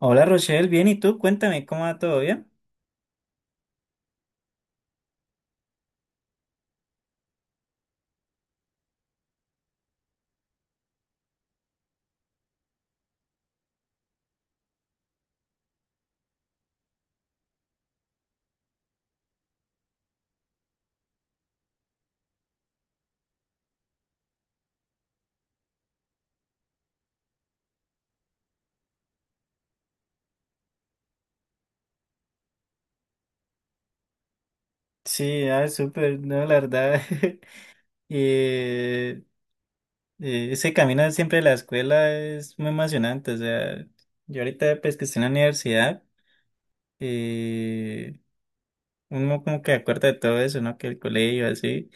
Hola Rochelle, bien, ¿y tú? Cuéntame, ¿cómo va todo bien? Sí, ah, súper, no, la verdad. eh, ese camino siempre de la escuela es muy emocionante. O sea, yo ahorita pues que estoy en la universidad, eh, uno como que acuerda de todo eso, ¿no? Que el colegio, así.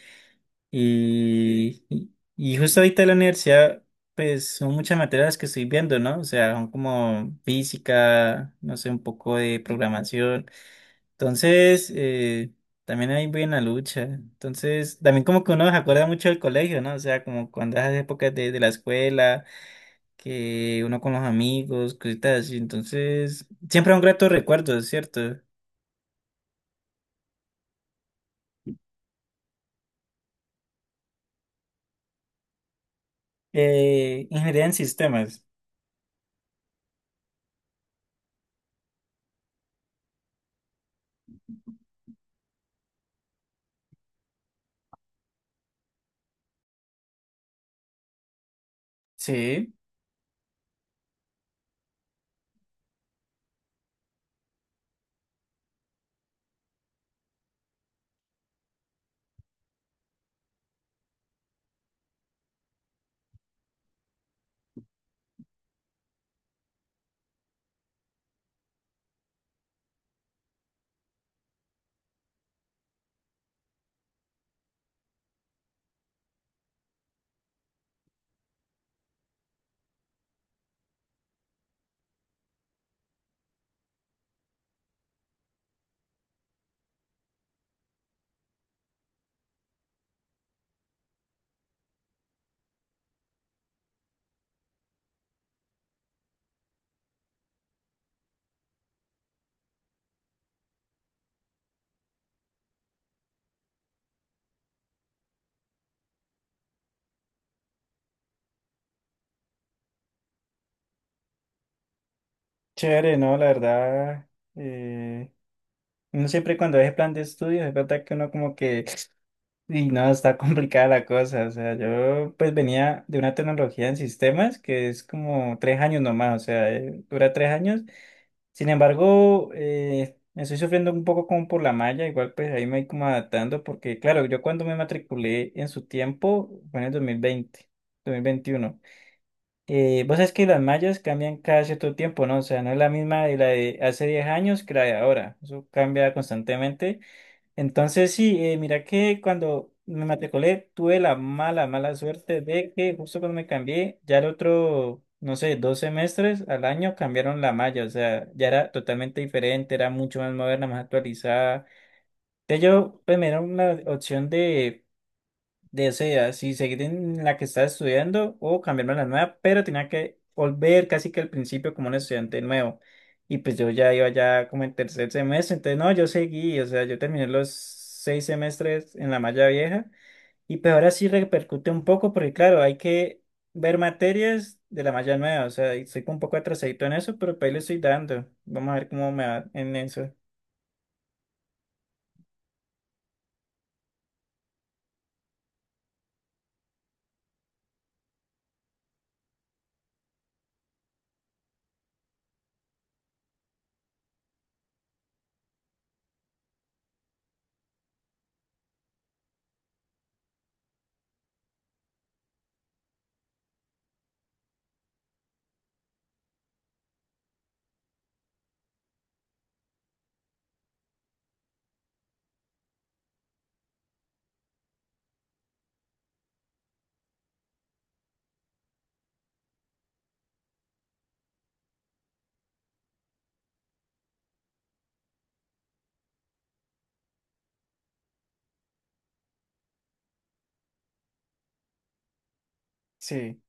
Y, y, y justo ahorita en la universidad, pues son muchas materias que estoy viendo, ¿no? O sea, son como física, no sé, un poco de programación. Entonces, también ahí voy la lucha. Entonces, también como que uno se acuerda mucho del colegio, ¿no? O sea, como cuando esas épocas de la escuela, que uno con los amigos, cositas así. Entonces, siempre un grato recuerdo, ¿cierto? Ingeniería en sistemas. Sí, chévere, ¿no? La verdad, eh, uno siempre cuando es plan de estudios, es verdad que uno como que y no, está complicada la cosa. O sea, yo pues venía de una tecnología en sistemas que es como 3 años nomás, o sea, dura 3 años. Sin embargo, me estoy sufriendo un poco como por la malla, igual pues ahí me voy como adaptando porque claro, yo cuando me matriculé en su tiempo fue en el 2020, 2021. Vos sabés que las mallas cambian cada cierto tiempo, ¿no? O sea, no es la misma de la de hace 10 años que la de ahora. Eso cambia constantemente. Entonces, sí, mira que cuando me matriculé tuve la mala, mala suerte de que justo cuando me cambié, ya el otro, no sé, dos semestres al año cambiaron la malla, o sea, ya era totalmente diferente, era mucho más moderna, más actualizada. Entonces yo, pues me dieron una opción de desea si seguir en la que está estudiando o cambiarme a la nueva, pero tenía que volver casi que al principio como un estudiante nuevo. Y pues yo ya iba ya como en tercer semestre, entonces no, yo seguí, o sea, yo terminé los 6 semestres en la malla vieja y pues ahora sí repercute un poco porque claro, hay que ver materias de la malla nueva, o sea, y estoy un poco atrasadito en eso, pero pues ahí le estoy dando. Vamos a ver cómo me va en eso. Sí,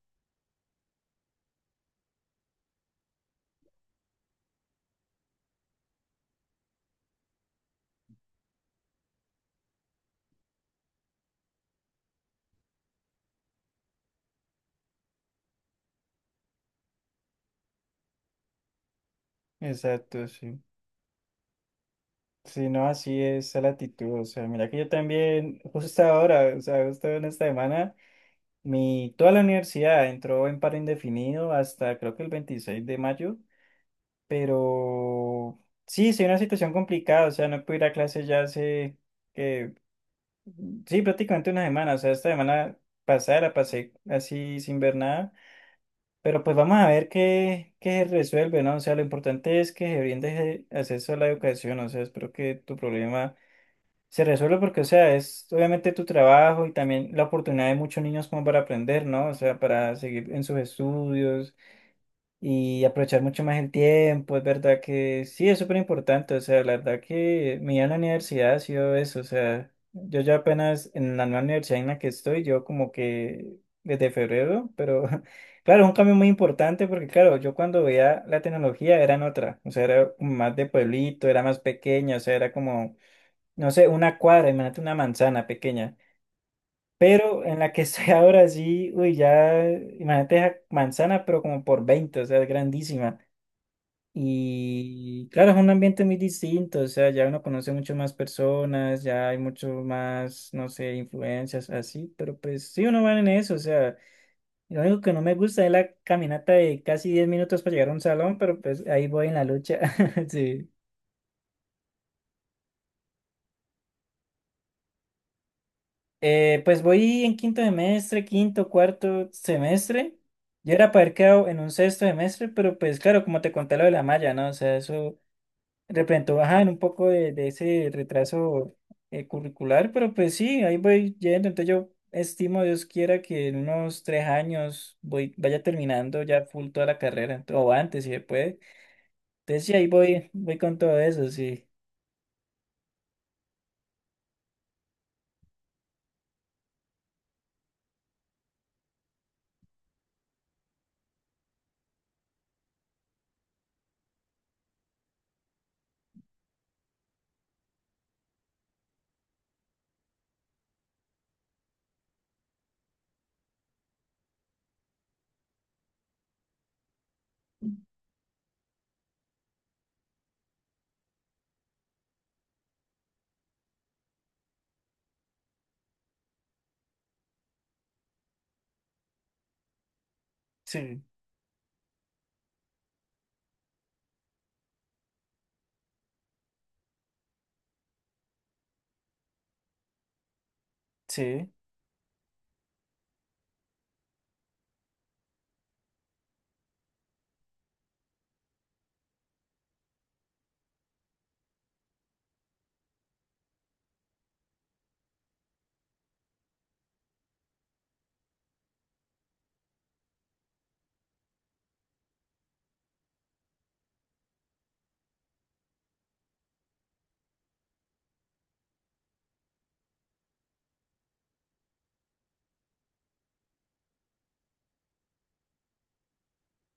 exacto, sí. Sí, no, así es la actitud. O sea, mira que yo también, justo ahora, o sea, justo en esta semana, mi, toda la universidad entró en paro indefinido hasta creo que el 26 de mayo, pero sí, sí, una situación complicada. O sea, no pude ir a clase ya hace, que, sí, prácticamente una semana. O sea, esta semana pasada la pasé así sin ver nada, pero pues vamos a ver qué, qué se resuelve, ¿no? O sea, lo importante es que se brinde ese acceso a la educación. O sea, espero que tu problema se resuelve porque, o sea, es obviamente tu trabajo y también la oportunidad de muchos niños como para aprender, ¿no? O sea, para seguir en sus estudios y aprovechar mucho más el tiempo. Es verdad que sí, es súper importante. O sea, la verdad que mi vida en la universidad ha sido eso. O sea, yo ya apenas en la nueva universidad en la que estoy, yo como que desde febrero, pero claro, es un cambio muy importante porque, claro, yo cuando veía la tecnología era en otra. O sea, era como más de pueblito, era más pequeña, o sea, era como no sé, una cuadra, imagínate una manzana pequeña. Pero en la que estoy ahora sí, uy, ya, imagínate esa manzana, pero como por 20 o sea, es grandísima. Y claro, es un ambiente muy distinto, o sea, ya uno conoce mucho más personas, ya hay mucho más, no sé, influencias así, pero pues sí, uno va en eso, o sea, lo único que no me gusta es la caminata de casi 10 minutos para llegar a un salón, pero pues ahí voy en la lucha, sí. Pues voy en quinto semestre, quinto, cuarto semestre. Yo era para haber quedado en un sexto semestre, pero pues claro, como te conté lo de la malla, ¿no? O sea, eso representó bajar en un poco de ese retraso curricular, pero pues sí, ahí voy yendo. Entonces yo estimo, Dios quiera, que en unos 3 años voy, vaya terminando ya full toda la carrera, o antes si se puede. Entonces sí, ahí voy, voy con todo eso, sí. Sí, sí,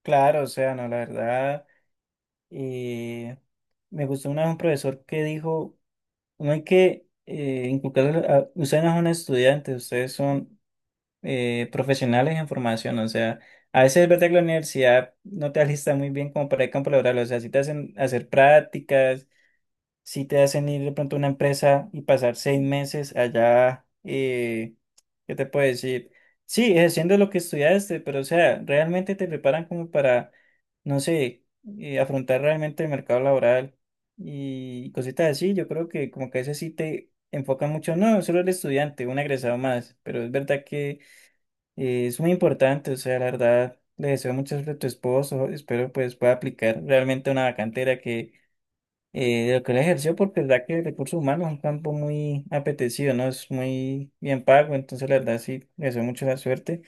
claro, o sea, no, la verdad. Eh, me gustó una vez un profesor que dijo, no hay que inculcarle ustedes no son estudiantes, ustedes son profesionales en formación, o sea, a veces es verdad que la universidad no te alista muy bien como para el campo laboral, o sea, si te hacen hacer prácticas, si te hacen ir de pronto a una empresa y pasar 6 meses allá, ¿qué te puedo decir? Sí, haciendo lo que estudiaste, pero o sea, realmente te preparan como para, no sé, afrontar realmente el mercado laboral y cositas así. Yo creo que como que a veces sí te enfocan mucho, no, solo el estudiante, un egresado más, pero es verdad que es muy importante, o sea, la verdad. Le deseo mucha suerte a tu esposo, espero pues pueda aplicar realmente una vacantera de lo que él ejerció, porque la verdad que recursos humanos es un campo muy apetecido, ¿no? Es muy bien pago, entonces la verdad sí, le deseo mucho la suerte.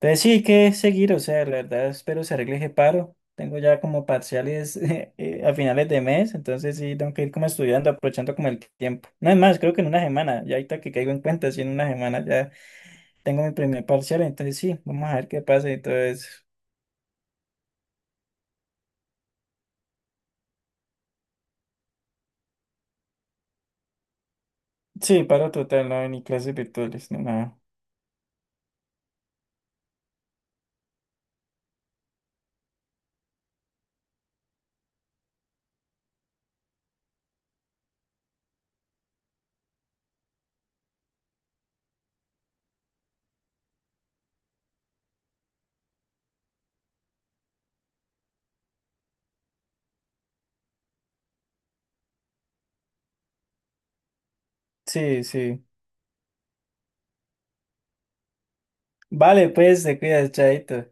Entonces sí, hay que seguir, o sea, la verdad espero se arregle ese paro. Tengo ya como parciales a finales de mes, entonces sí, tengo que ir como estudiando, aprovechando como el tiempo. No es más, creo que en una semana, ya ahorita que caigo en cuenta, sí, en una semana ya tengo mi primer parcial, entonces sí, vamos a ver qué pasa y todo eso. Sí, paro total, no hay ni clases virtuales, ni nada. Sí, sí. Vale, pues, te cuidas, chaito.